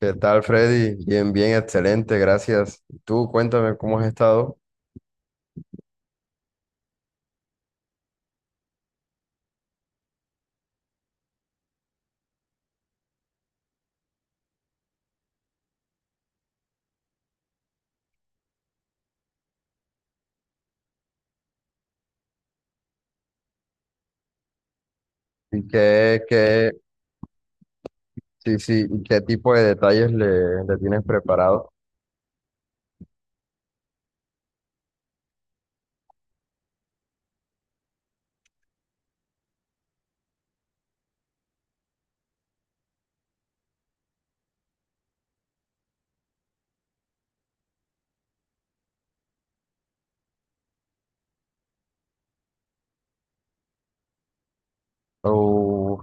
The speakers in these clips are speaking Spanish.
¿Qué tal, Freddy? Bien, bien, excelente, gracias. Y tú, cuéntame cómo has estado y qué, qué, sí, sí, y qué tipo de detalles le tienes preparado. Uh,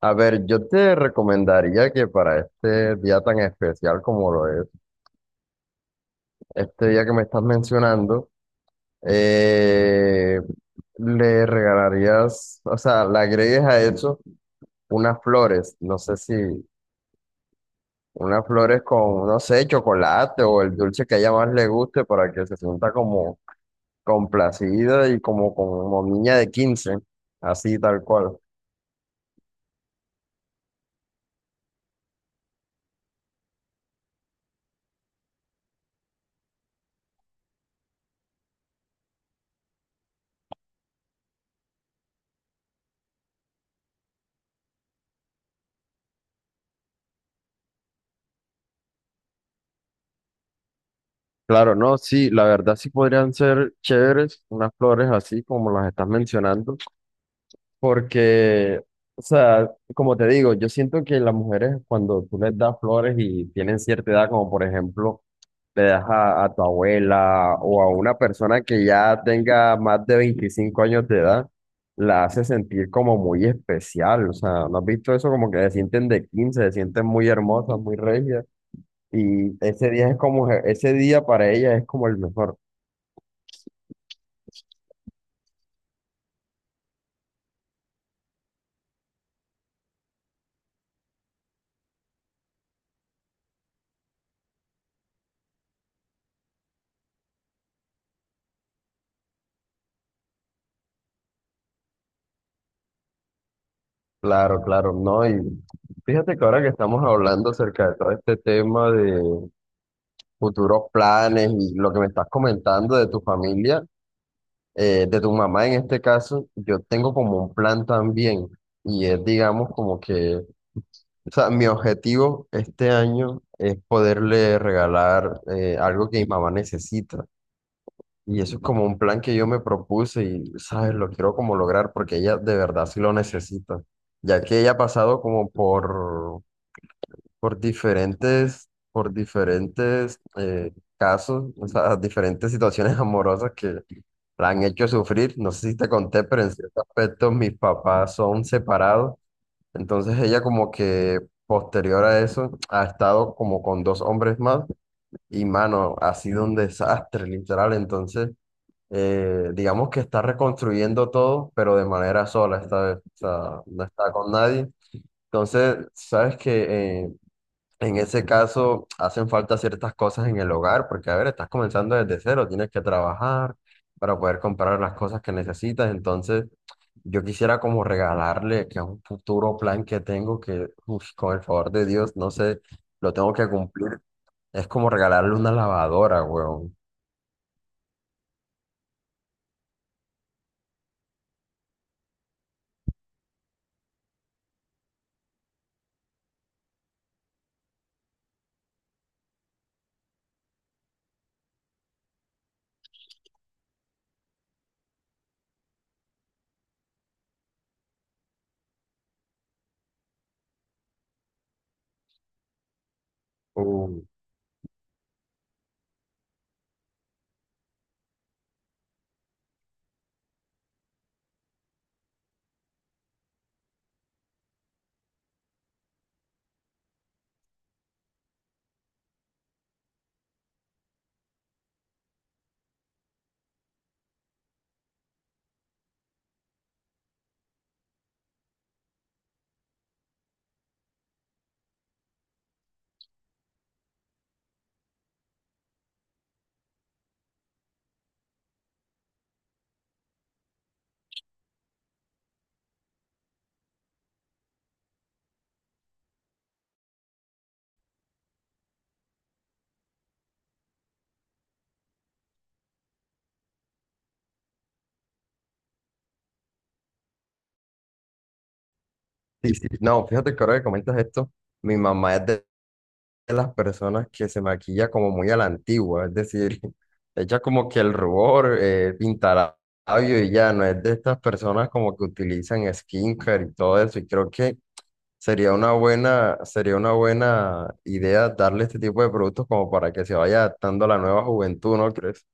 a ver, yo te recomendaría que para este día tan especial como lo es, este día que me estás mencionando, eh, le regalarías, o sea, le agregues a eso unas flores. No sé si, unas flores con, no sé, chocolate o el dulce que a ella más le guste para que se sienta como complacida y como, como niña de 15, así tal cual. Claro, no, sí, la verdad sí podrían ser chéveres unas flores así como las estás mencionando, porque, o sea, como te digo, yo siento que las mujeres cuando tú les das flores y tienen cierta edad, como por ejemplo le das a tu abuela o a una persona que ya tenga más de 25 años de edad, la hace sentir como muy especial. O sea, ¿no has visto eso? Como que se sienten de 15, se sienten muy hermosas, muy regias. Y ese día es como, ese día para ellas es como el mejor. Claro, claro, no. Y fíjate que ahora que estamos hablando acerca de todo este tema de futuros planes y lo que me estás comentando de tu familia, de tu mamá en este caso, yo tengo como un plan también y es, digamos, como que, o sea, mi objetivo este año es poderle regalar algo que mi mamá necesita. Y eso es como un plan que yo me propuse y, ¿sabes?, lo quiero como lograr porque ella de verdad sí lo necesita, ya que ella ha pasado como por diferentes casos, o sea, diferentes situaciones amorosas que la han hecho sufrir, no sé si te conté, pero en cierto aspecto mis papás son separados. Entonces ella como que posterior a eso ha estado como con dos hombres más y mano, ha sido un desastre literal. Entonces digamos que está reconstruyendo todo, pero de manera sola esta vez. O sea, no está con nadie. Entonces, sabes que en ese caso, hacen falta ciertas cosas en el hogar, porque, a ver, estás comenzando desde cero, tienes que trabajar para poder comprar las cosas que necesitas. Entonces, yo quisiera como regalarle, que es un futuro plan que tengo, que, uf, con el favor de Dios, no sé, lo tengo que cumplir. Es como regalarle una lavadora, weón. Uh, sí, sí. No, fíjate que ahora que comentas esto, mi mamá es de las personas que se maquilla como muy a la antigua, es decir, echa como que el rubor, pintará labio y ya, no es de estas personas como que utilizan skincare y todo eso, y creo que sería una buena idea darle este tipo de productos como para que se vaya adaptando a la nueva juventud, ¿no crees?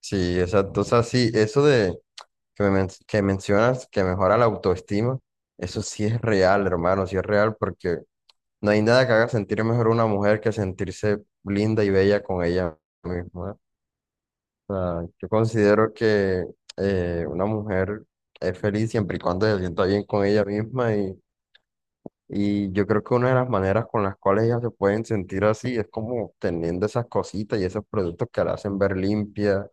Sí, exacto, o sea, sí, eso de que, que mencionas que mejora la autoestima, eso sí es real, hermano, sí es real porque... No hay nada que haga sentir mejor a una mujer que sentirse linda y bella con ella misma. O sea, yo considero que una mujer es feliz siempre y cuando se sienta bien con ella misma y yo creo que una de las maneras con las cuales ellas se pueden sentir así es como teniendo esas cositas y esos productos que la hacen ver limpia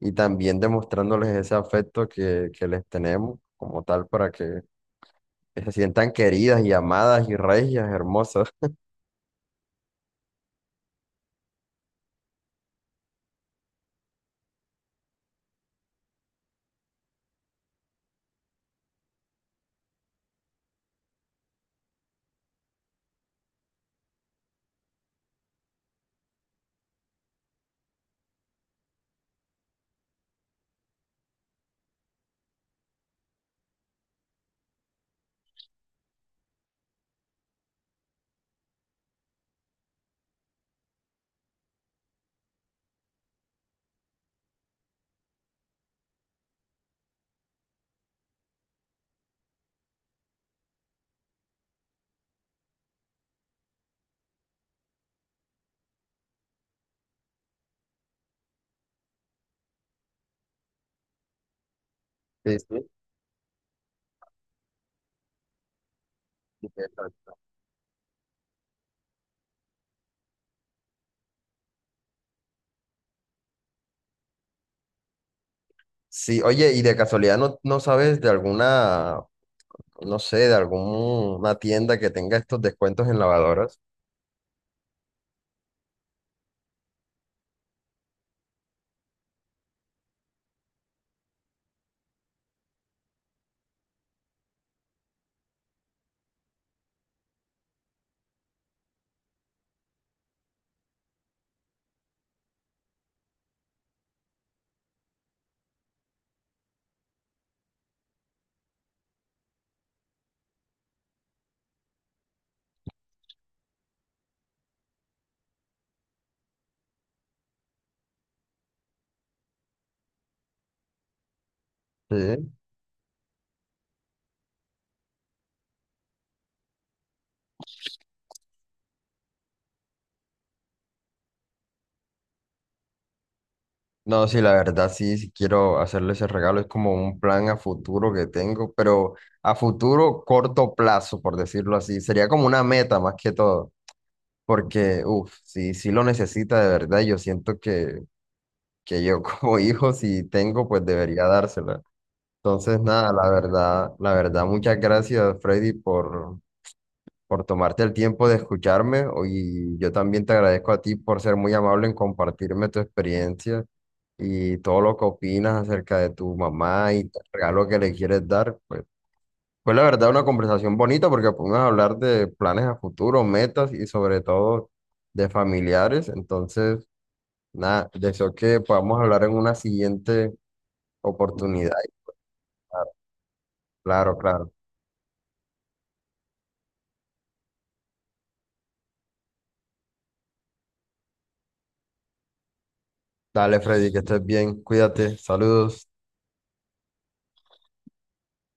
y también demostrándoles ese afecto que les tenemos como tal para que se sientan queridas y amadas y regias, hermosas. Sí, sí. Sí, oye, y de casualidad no, no sabes de alguna, no sé, de alguna tienda que tenga estos descuentos en lavadoras. Sí. No, sí, la verdad sí, sí quiero hacerle ese regalo, es como un plan a futuro que tengo, pero a futuro corto plazo, por decirlo así, sería como una meta más que todo, porque, uff, sí, sí lo necesita de verdad, yo siento que yo como hijo, si tengo, pues debería dársela. Entonces, nada, la verdad, muchas gracias, Freddy, por tomarte el tiempo de escucharme y yo también te agradezco a ti por ser muy amable en compartirme tu experiencia y todo lo que opinas acerca de tu mamá y el regalo que le quieres dar. Pues fue la verdad una conversación bonita porque pudimos hablar de planes a futuro, metas y sobre todo de familiares. Entonces, nada, deseo que podamos hablar en una siguiente oportunidad. Claro, claro. Dale, Freddy, que estés bien. Cuídate. Saludos.